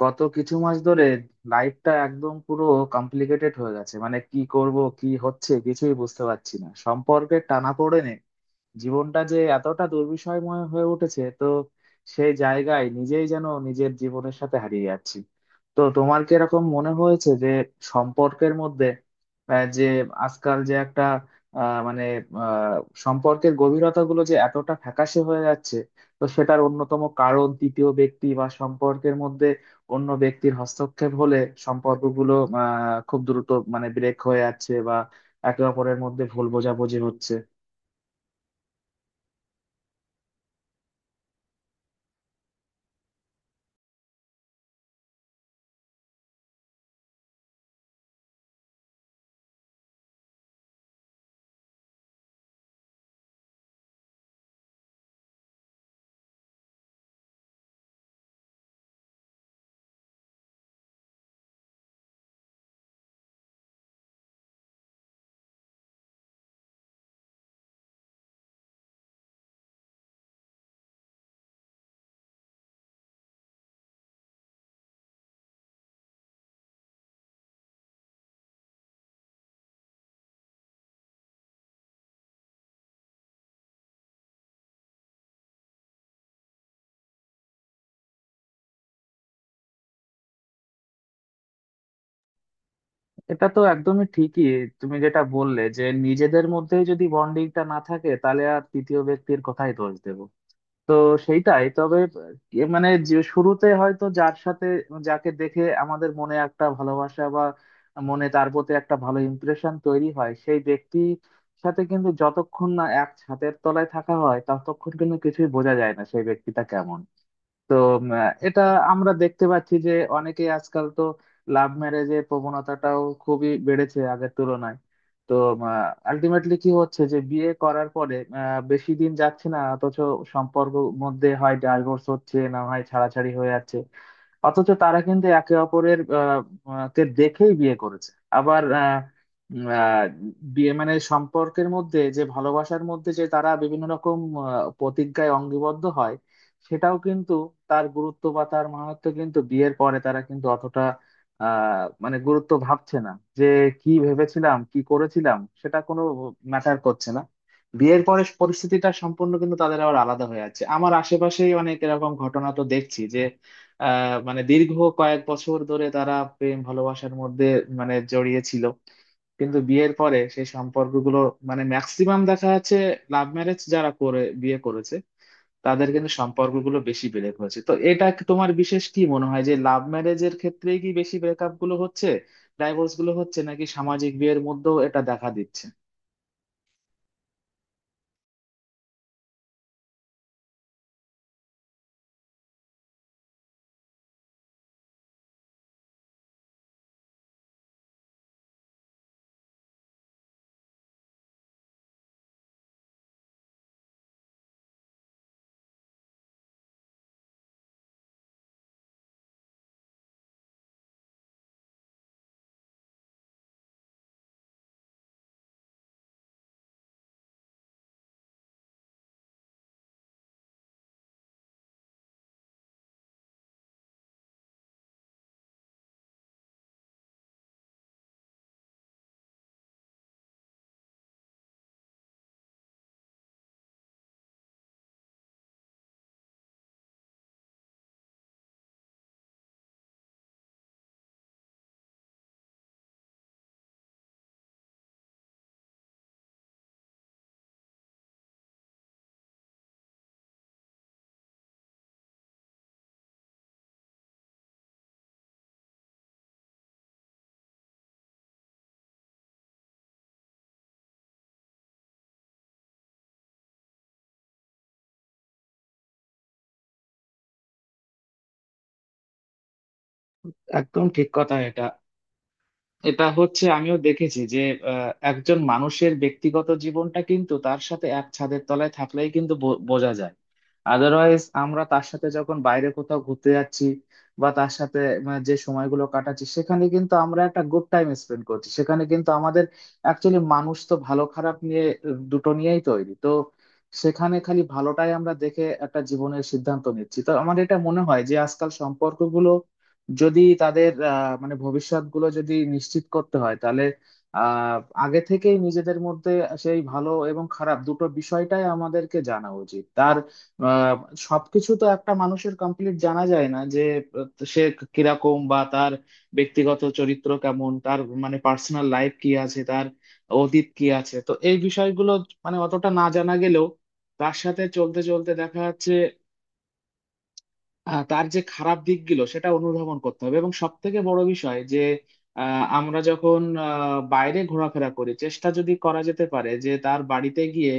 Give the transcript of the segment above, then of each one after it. গত কিছু মাস ধরে লাইফটা একদম পুরো কমপ্লিকেটেড হয়ে গেছে। মানে কি করব কি হচ্ছে কিছুই বুঝতে পারছি না। সম্পর্কের টানাপোড়েনে জীবনটা যে এতটা দুর্বিষয়ময় হয়ে উঠেছে। তো সেই জায়গায় নিজেই যেন নিজের জীবনের সাথে হারিয়ে যাচ্ছি। তো তোমার কি এরকম মনে হয়েছে যে সম্পর্কের মধ্যে যে আজকাল যে একটা মানে আহ, সম্পর্কের গভীরতা গুলো যে এতটা ফ্যাকাশে হয়ে যাচ্ছে? তো সেটার অন্যতম কারণ তৃতীয় ব্যক্তি বা সম্পর্কের মধ্যে অন্য ব্যক্তির হস্তক্ষেপ হলে সম্পর্কগুলো আহ খুব দ্রুত মানে ব্রেক হয়ে যাচ্ছে বা একে অপরের মধ্যে ভুল বোঝাবুঝি হচ্ছে। এটা তো একদমই ঠিকই। তুমি যেটা বললে যে নিজেদের মধ্যেই যদি বন্ডিংটা না থাকে তাহলে আর তৃতীয় ব্যক্তির কথাই দোষ দেব। তো সেইটাই তবে এ মানে যে শুরুতে হয়তো যার সাথে যাকে দেখে আমাদের মনে একটা ভালোবাসা বা মনে তার প্রতি একটা ভালো ইমপ্রেশন তৈরি হয় সেই ব্যক্তির সাথে কিন্তু যতক্ষণ না এক ছাদের তলায় থাকা হয় ততক্ষণ কিন্তু কিছুই বোঝা যায় না সেই ব্যক্তিটা কেমন। তো উম, এটা আমরা দেখতে পাচ্ছি যে অনেকেই আজকাল তো লাভ ম্যারেজের প্রবণতাটাও খুবই বেড়েছে আগের তুলনায়। তো আলটিমেটলি কি হচ্ছে যে বিয়ে করার পরে বেশি দিন যাচ্ছে না, অথচ সম্পর্ক মধ্যে হয় ডাইভোর্স হচ্ছে না হয় ছাড়াছাড়ি হয়ে যাচ্ছে। অথচ তারা কিন্তু একে অপরের আহ, আহ, কে দেখেই বিয়ে করেছে। আবার উম, আহ, বিয়ে মানে সম্পর্কের মধ্যে যে ভালোবাসার মধ্যে যে তারা বিভিন্ন রকম আহ, প্রতিজ্ঞায় অঙ্গিবদ্ধ হয়। সেটাও কিন্তু তার গুরুত্ব বা তার মাহাত্ম্য কিন্তু বিয়ের পরে তারা কিন্তু অতটা মানে গুরুত্ব ভাবছে না। যে কি ভেবেছিলাম কি করেছিলাম সেটা কোনো ম্যাটার করছে না। বিয়ের পরে পরিস্থিতিটা সম্পূর্ণ কিন্তু তাদের আবার আলাদা হয়ে যাচ্ছে। আমার আশেপাশেই অনেক এরকম ঘটনা তো দেখছি। মানে দীর্ঘ কয়েক বছর ধরে তারা প্রেম ভালোবাসার মধ্যে মানে জড়িয়ে ছিল কিন্তু বিয়ের পরে সেই সম্পর্কগুলো মানে ম্যাক্সিমাম দেখা যাচ্ছে লাভ ম্যারেজ যারা করে বিয়ে করেছে তাদের কিন্তু সম্পর্কগুলো বেশি ব্রেক হয়েছে। তো এটা কি তোমার বিশেষ কি মনে হয় যে লাভ ম্যারেজের ক্ষেত্রেই কি বেশি ব্রেকআপ গুলো হচ্ছে, ডাইভোর্স গুলো হচ্ছে নাকি সামাজিক বিয়ের মধ্যেও এটা দেখা দিচ্ছে? একদম ঠিক কথা এটা। এটা হচ্ছে আমিও দেখেছি যে একজন মানুষের ব্যক্তিগত জীবনটা কিন্তু তার সাথে এক ছাদের তলায় থাকলেই কিন্তু বোঝা যায়। আদারওয়াইজ আমরা তার সাথে যখন বাইরে কোথাও ঘুরতে যাচ্ছি বা তার সাথে মানে, যে সময়গুলো কাটাচ্ছি সেখানে কিন্তু আমরা একটা গুড টাইম স্পেন্ড করছি, সেখানে কিন্তু আমাদের অ্যাকচুয়ালি মানুষ তো ভালো খারাপ নিয়ে দুটো নিয়েই তৈরি তো। সেখানে খালি ভালোটাই আমরা দেখে একটা জীবনের সিদ্ধান্ত নিচ্ছি। তো আমার এটা মনে হয় যে আজকাল সম্পর্কগুলো যদি তাদের মানে ভবিষ্যৎ গুলো যদি নিশ্চিত করতে হয় তাহলে আহ, আগে থেকেই নিজেদের মধ্যে সেই ভালো এবং খারাপ দুটো বিষয়টাই আমাদেরকে জানা উচিত তার। আহ, সবকিছু তো একটা মানুষের কমপ্লিট জানা যায় না যে সে কিরকম বা তার ব্যক্তিগত চরিত্র কেমন, তার মানে পার্সোনাল লাইফ কি আছে, তার অতীত কি আছে। তো এই বিষয়গুলো মানে অতটা না জানা গেলেও তার সাথে চলতে চলতে দেখা যাচ্ছে তার যে খারাপ দিকগুলো সেটা অনুধাবন করতে হবে। এবং সব থেকে বড় বিষয় যে আমরা যখন বাইরে ঘোরাফেরা করি, চেষ্টা যদি করা যেতে পারে যে তার বাড়িতে গিয়ে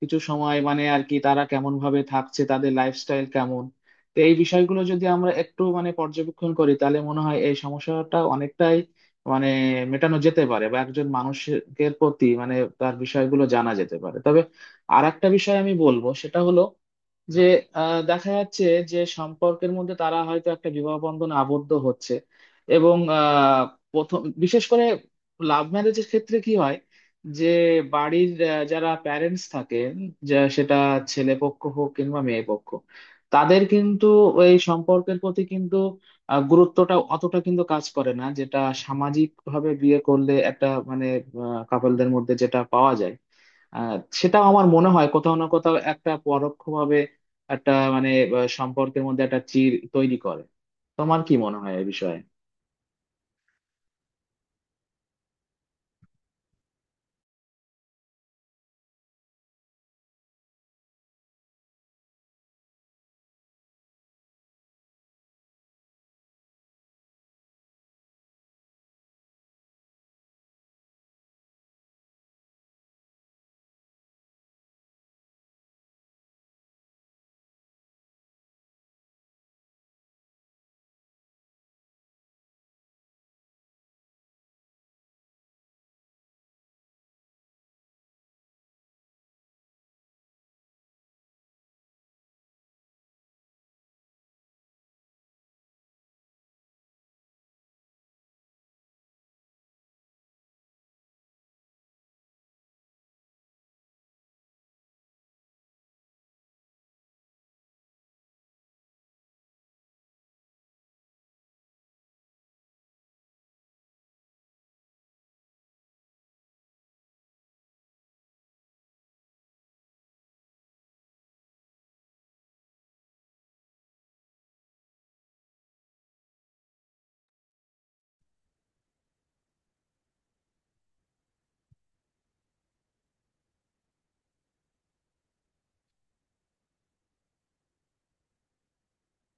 কিছু সময় মানে আর কি, তারা কেমন ভাবে থাকছে, তাদের লাইফস্টাইল কেমন। তো এই বিষয়গুলো যদি আমরা একটু মানে পর্যবেক্ষণ করি তাহলে মনে হয় এই সমস্যাটা অনেকটাই মানে মেটানো যেতে পারে বা একজন মানুষের প্রতি মানে তার বিষয়গুলো জানা যেতে পারে। তবে আর একটা বিষয় আমি বলবো সেটা হলো যে দেখা যাচ্ছে যে সম্পর্কের মধ্যে তারা হয়তো একটা বিবাহ বন্ধনে আবদ্ধ হচ্ছে এবং প্রথম বিশেষ করে লাভ ম্যারেজের ক্ষেত্রে কি হয় যে বাড়ির যারা প্যারেন্টস থাকে, যা সেটা ছেলে পক্ষ হোক কিংবা মেয়ে পক্ষ তাদের কিন্তু এই সম্পর্কের প্রতি কিন্তু গুরুত্বটা অতটা কিন্তু কাজ করে না যেটা সামাজিক ভাবে বিয়ে করলে একটা মানে কাপলদের মধ্যে যেটা পাওয়া যায়। আহ, সেটাও আমার মনে হয় কোথাও না কোথাও একটা পরোক্ষভাবে একটা মানে সম্পর্কের মধ্যে একটা চির তৈরি করে। তোমার কি মনে হয় এই বিষয়ে?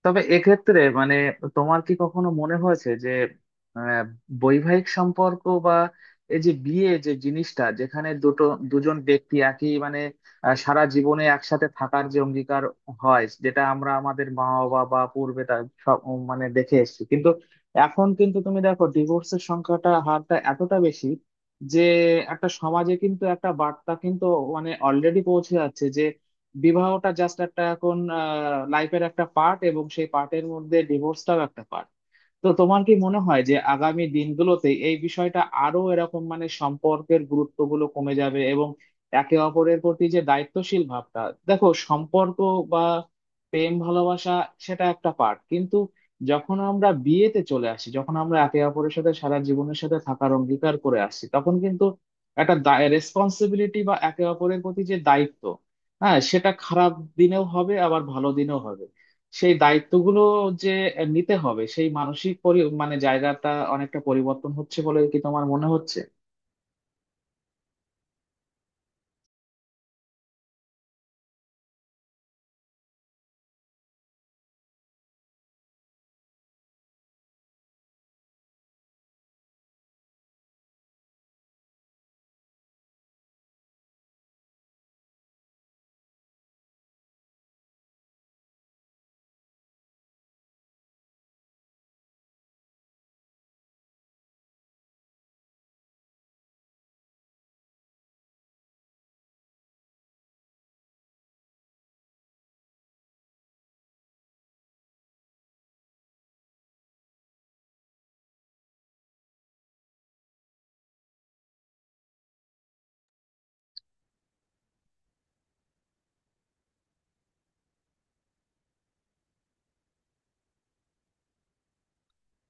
তবে এক্ষেত্রে মানে তোমার কি কখনো মনে হয়েছে যে আহ, বৈবাহিক সম্পর্ক বা এই যে বিয়ে যে জিনিসটা যেখানে দুটো দুজন ব্যক্তি একই মানে সারা জীবনে একসাথে থাকার যে অঙ্গীকার হয় যেটা আমরা আমাদের মা বাবা বা পূর্বে তার সব মানে দেখে এসেছি, কিন্তু এখন কিন্তু তুমি দেখো ডিভোর্সের সংখ্যাটা হারটা এতটা বেশি যে একটা সমাজে কিন্তু একটা বার্তা কিন্তু মানে অলরেডি পৌঁছে যাচ্ছে, বিবাহটা জাস্ট একটা এখন লাইফের একটা পার্ট এবং সেই পার্টের মধ্যে ডিভোর্সটাও একটা পার্ট। তো তোমার কি মনে হয় যে আগামী দিনগুলোতে এই বিষয়টা আরো এরকম মানে সম্পর্কের গুরুত্বগুলো কমে যাবে এবং একে অপরের প্রতি যে দায়িত্বশীল ভাবটা, দেখো সম্পর্ক বা প্রেম ভালোবাসা সেটা একটা পার্ট কিন্তু যখন আমরা বিয়েতে চলে আসি, যখন আমরা একে অপরের সাথে সারা জীবনের সাথে থাকার অঙ্গীকার করে আসছি তখন কিন্তু একটা রেসপন্সিবিলিটি বা একে অপরের প্রতি যে দায়িত্ব, হ্যাঁ সেটা খারাপ দিনেও হবে আবার ভালো দিনেও হবে, সেই দায়িত্বগুলো যে নিতে হবে সেই মানসিক মানে জায়গাটা অনেকটা পরিবর্তন হচ্ছে বলে কি তোমার মনে হচ্ছে?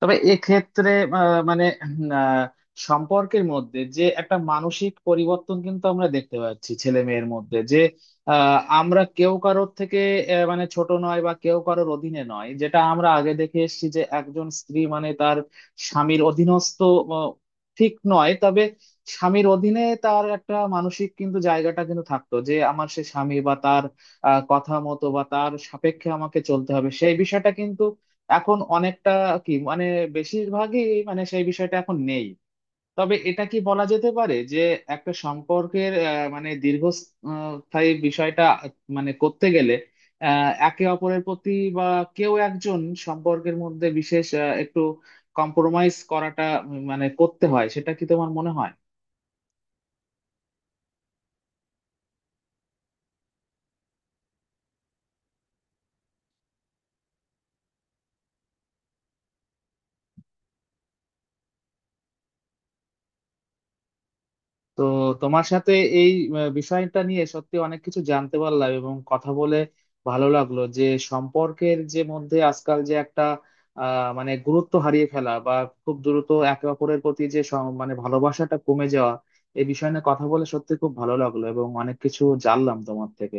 তবে এক্ষেত্রে মানে আহ, সম্পর্কের মধ্যে যে একটা মানসিক পরিবর্তন কিন্তু আমরা দেখতে পাচ্ছি ছেলে মেয়ের মধ্যে যে আমরা কেউ কারোর থেকে মানে ছোট নয় বা কেউ কারোর অধীনে নয়, যেটা আমরা আগে দেখে এসেছি যে একজন স্ত্রী মানে তার স্বামীর অধীনস্থ আহ, ঠিক নয়, তবে স্বামীর অধীনে তার একটা মানসিক কিন্তু জায়গাটা কিন্তু থাকতো যে আমার সে স্বামী বা তার কথা মতো বা তার সাপেক্ষে আমাকে চলতে হবে, সেই বিষয়টা কিন্তু এখন অনেকটা কি মানে বেশিরভাগই মানে সেই বিষয়টা এখন নেই। তবে এটা কি বলা যেতে পারে যে একটা সম্পর্কের মানে দীর্ঘস্থায়ী বিষয়টা মানে করতে গেলে একে অপরের প্রতি বা কেউ একজন সম্পর্কের মধ্যে বিশেষ একটু কম্প্রোমাইজ করাটা মানে করতে হয়, সেটা কি তোমার মনে হয়? তো তোমার সাথে এই বিষয়টা নিয়ে সত্যি অনেক কিছু জানতে পারলাম এবং কথা বলে ভালো লাগলো যে সম্পর্কের যে মধ্যে আজকাল যে একটা মানে গুরুত্ব হারিয়ে ফেলা বা খুব দ্রুত একে অপরের প্রতি যে মানে ভালোবাসাটা কমে যাওয়া, এই বিষয় নিয়ে কথা বলে সত্যি খুব ভালো লাগলো এবং অনেক কিছু জানলাম তোমার থেকে।